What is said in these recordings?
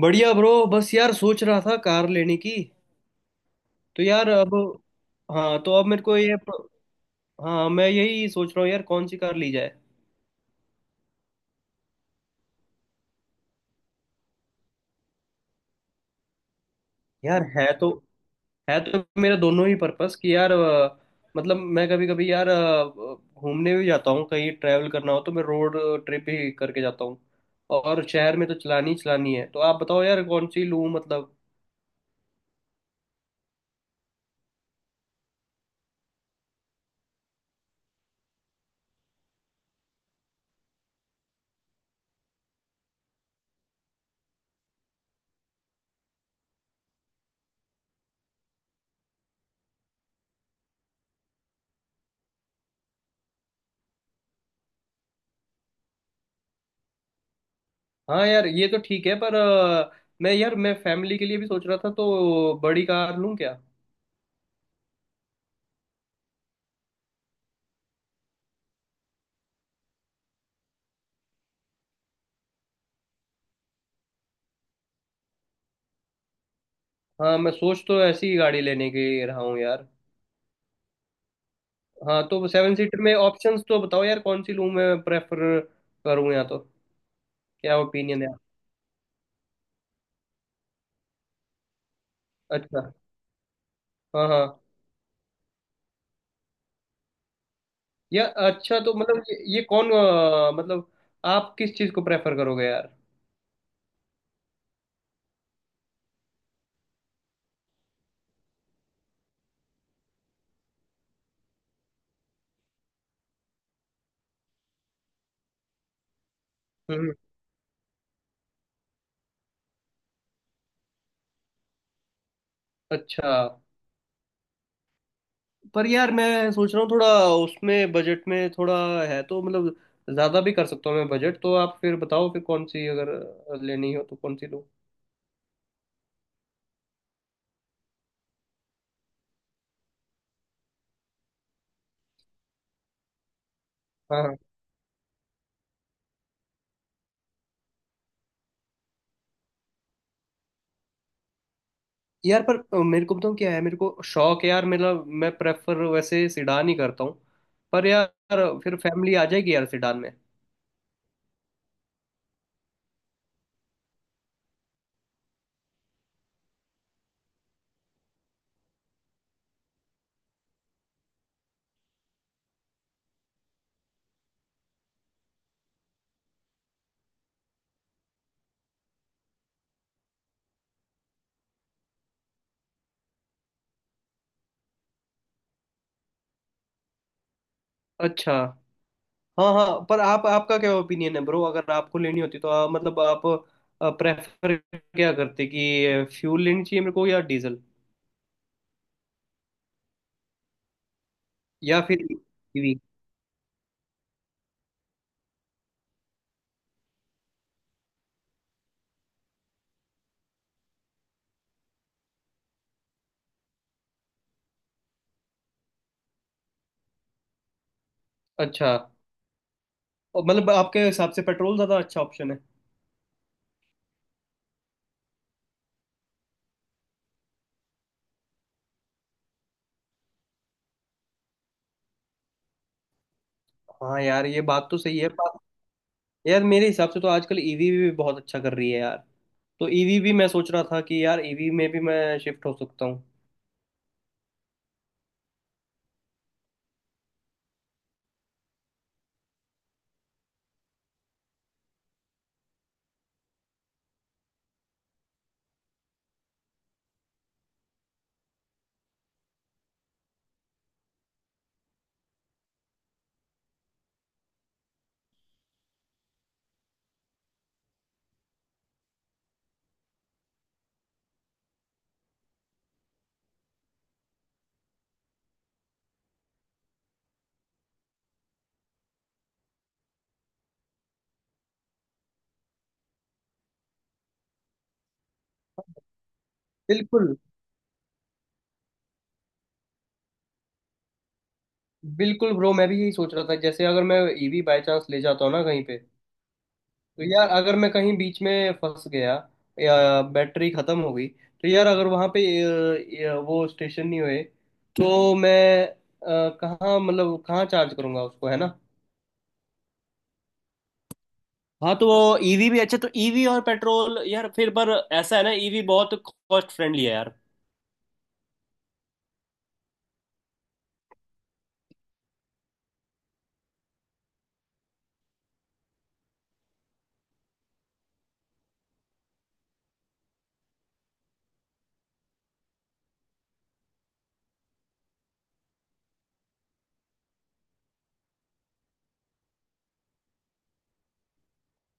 बढ़िया ब्रो, बस यार सोच रहा था कार लेने की। तो यार अब, हाँ तो अब मेरे को ये, हाँ मैं यही सोच रहा हूँ यार कौन सी कार ली जाए। यार है तो, है तो मेरा दोनों ही पर्पस कि यार, मतलब मैं कभी कभी यार, घूमने भी जाता हूँ, कहीं ट्रैवल करना हो तो मैं रोड ट्रिप ही करके जाता हूँ। और शहर में तो चलानी ही चलानी है, तो आप बताओ यार कौन सी लूँ मतलब। हाँ यार ये तो ठीक है, पर मैं यार, मैं फैमिली के लिए भी सोच रहा था तो बड़ी कार लूँ क्या। हाँ मैं सोच तो ऐसी ही गाड़ी लेने की रहा हूँ यार। हाँ तो सेवन सीटर में ऑप्शंस तो बताओ यार कौन सी लूँ, मैं प्रेफर करूँ या तो, क्या ओपिनियन है। अच्छा। हाँ हाँ। या अच्छा, तो मतलब ये कौन मतलब आप किस चीज़ को प्रेफर करोगे यार। हम्म। अच्छा, पर यार मैं सोच रहा हूँ थोड़ा उसमें बजट में, थोड़ा है तो मतलब, ज़्यादा भी कर सकता हूँ मैं बजट तो, आप फिर बताओ फिर कौन सी, अगर लेनी हो तो कौन सी लूँ। हाँ हाँ। यार पर मेरे को बताऊँ क्या है, मेरे को शौक है यार मेरा, मैं प्रेफर वैसे सिडान ही करता हूँ। पर यार फिर फैमिली आ जाएगी यार सिडान में। अच्छा। हाँ हाँ, पर आप, आपका क्या ओपिनियन है ब्रो, अगर आपको लेनी होती तो आप, मतलब आप प्रेफर क्या करते, कि फ्यूल लेनी चाहिए मेरे को या डीजल या फिर ईवी। अच्छा, और मतलब आपके हिसाब से पेट्रोल ज़्यादा अच्छा ऑप्शन है। हाँ यार ये बात तो सही है। यार मेरे हिसाब से तो आजकल ईवी भी बहुत अच्छा कर रही है यार, तो ईवी भी मैं सोच रहा था कि यार ईवी में भी मैं शिफ्ट हो सकता हूँ। बिल्कुल। बिल्कुल ब्रो, मैं भी यही सोच रहा था, जैसे अगर मैं ईवी बाय चांस ले जाता हूँ ना कहीं पे, तो यार अगर मैं कहीं बीच में फंस गया या बैटरी खत्म हो गई, तो यार अगर वहाँ पे वो स्टेशन नहीं हुए, तो मैं, कहाँ, मतलब कहाँ चार्ज करूँगा उसको, है ना। हाँ तो वो ईवी भी अच्छा, तो ईवी और पेट्रोल यार, फिर पर ऐसा है ना, ईवी बहुत कॉस्ट फ्रेंडली है यार।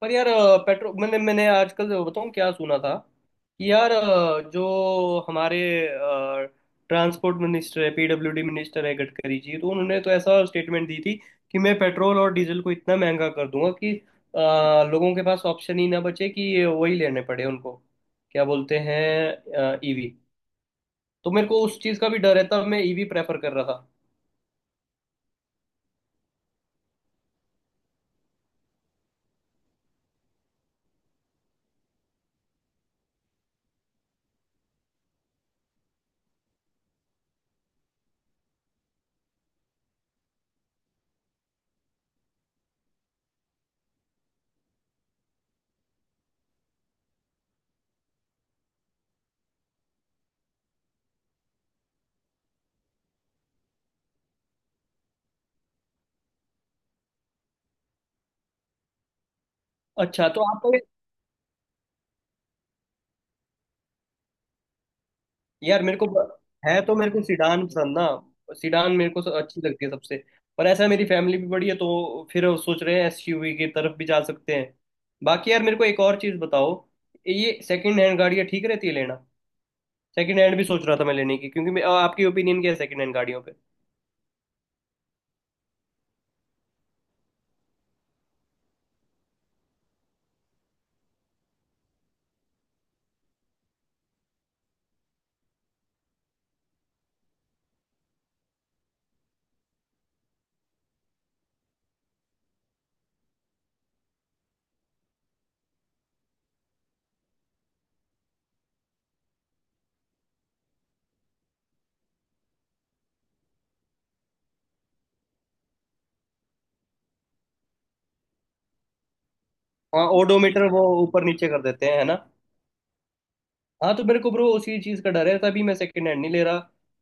पर यार पेट्रोल, मैंने मैंने आजकल बताऊँ क्या सुना था, कि यार जो हमारे ट्रांसपोर्ट मिनिस्टर है, पीडब्ल्यूडी मिनिस्टर है, गडकरी जी, तो उन्होंने तो ऐसा स्टेटमेंट दी थी कि मैं पेट्रोल और डीजल को इतना महंगा कर दूंगा कि अ, लोगों के पास ऑप्शन ही ना बचे, कि ये वही लेने पड़े उनको, क्या बोलते हैं, ईवी। तो मेरे को उस चीज़ का भी डर है, तब मैं ईवी प्रेफर कर रहा था। अच्छा तो आपका, यार मेरे को, है तो मेरे को सिडान पसंद ना, सिडान मेरे को अच्छी लगती है सबसे। पर ऐसा है, मेरी फैमिली भी बड़ी है तो फिर वो सोच रहे हैं एसयूवी की तरफ भी जा सकते हैं। बाकी यार मेरे को एक और चीज़ बताओ, ये सेकंड हैंड गाड़ियाँ ठीक रहती है लेना। सेकंड हैंड भी सोच रहा था मैं लेने की, क्योंकि आपकी ओपिनियन क्या है सेकंड हैंड गाड़ियों पे। हाँ ओडोमीटर, वो ऊपर नीचे कर देते हैं, है ना। हाँ तो मेरे को ब्रो उसी चीज़ का डर है, तभी मैं सेकंड हैंड नहीं ले रहा।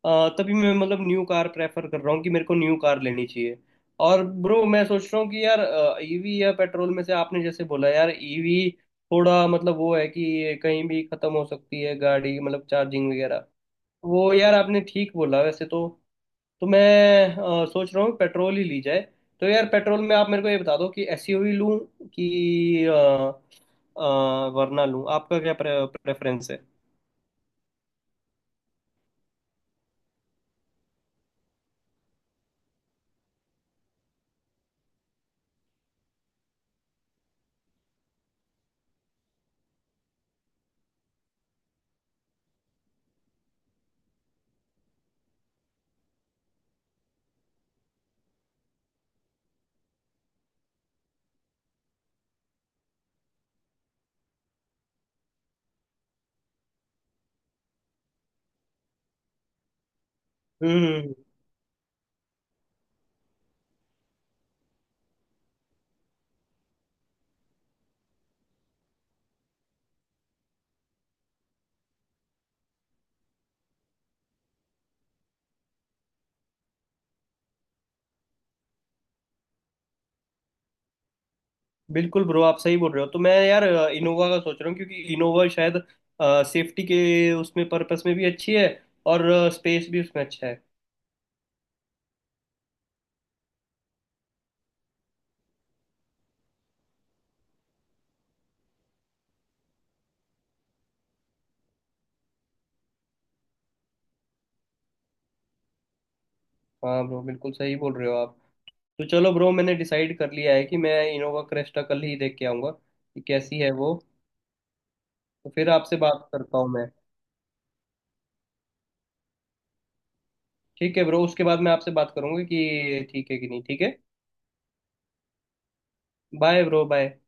तभी मैं मतलब न्यू कार प्रेफर कर रहा हूँ, कि मेरे को न्यू कार लेनी चाहिए। और ब्रो मैं सोच रहा हूँ कि यार, ईवी या पेट्रोल में से आपने जैसे बोला यार, ईवी थोड़ा मतलब वो है कि ये कहीं भी खत्म हो सकती है गाड़ी, मतलब चार्जिंग वगैरह, वो यार आपने ठीक बोला वैसे तो। तो मैं सोच रहा हूँ पेट्रोल ही ली जाए। तो यार पेट्रोल में आप मेरे को ये बता दो, कि एसयूवी लूँ कि वरना लूँ, आपका क्या प्रेफरेंस है। हम्म। बिल्कुल ब्रो, आप सही बोल रहे हो, तो मैं यार इनोवा का सोच रहा हूँ, क्योंकि इनोवा शायद सेफ्टी के उसमें पर्पस में भी अच्छी है और स्पेस भी उसमें अच्छा है। हाँ ब्रो बिल्कुल सही बोल रहे हो आप। तो चलो ब्रो, मैंने डिसाइड कर लिया है कि मैं इनोवा क्रेस्टा कल ही देख के आऊँगा कि कैसी है वो। तो फिर आपसे बात करता हूँ मैं। ठीक है ब्रो, उसके बाद मैं आपसे बात करूँगी कि ठीक है कि नहीं, ठीक है, बाय ब्रो, बाय।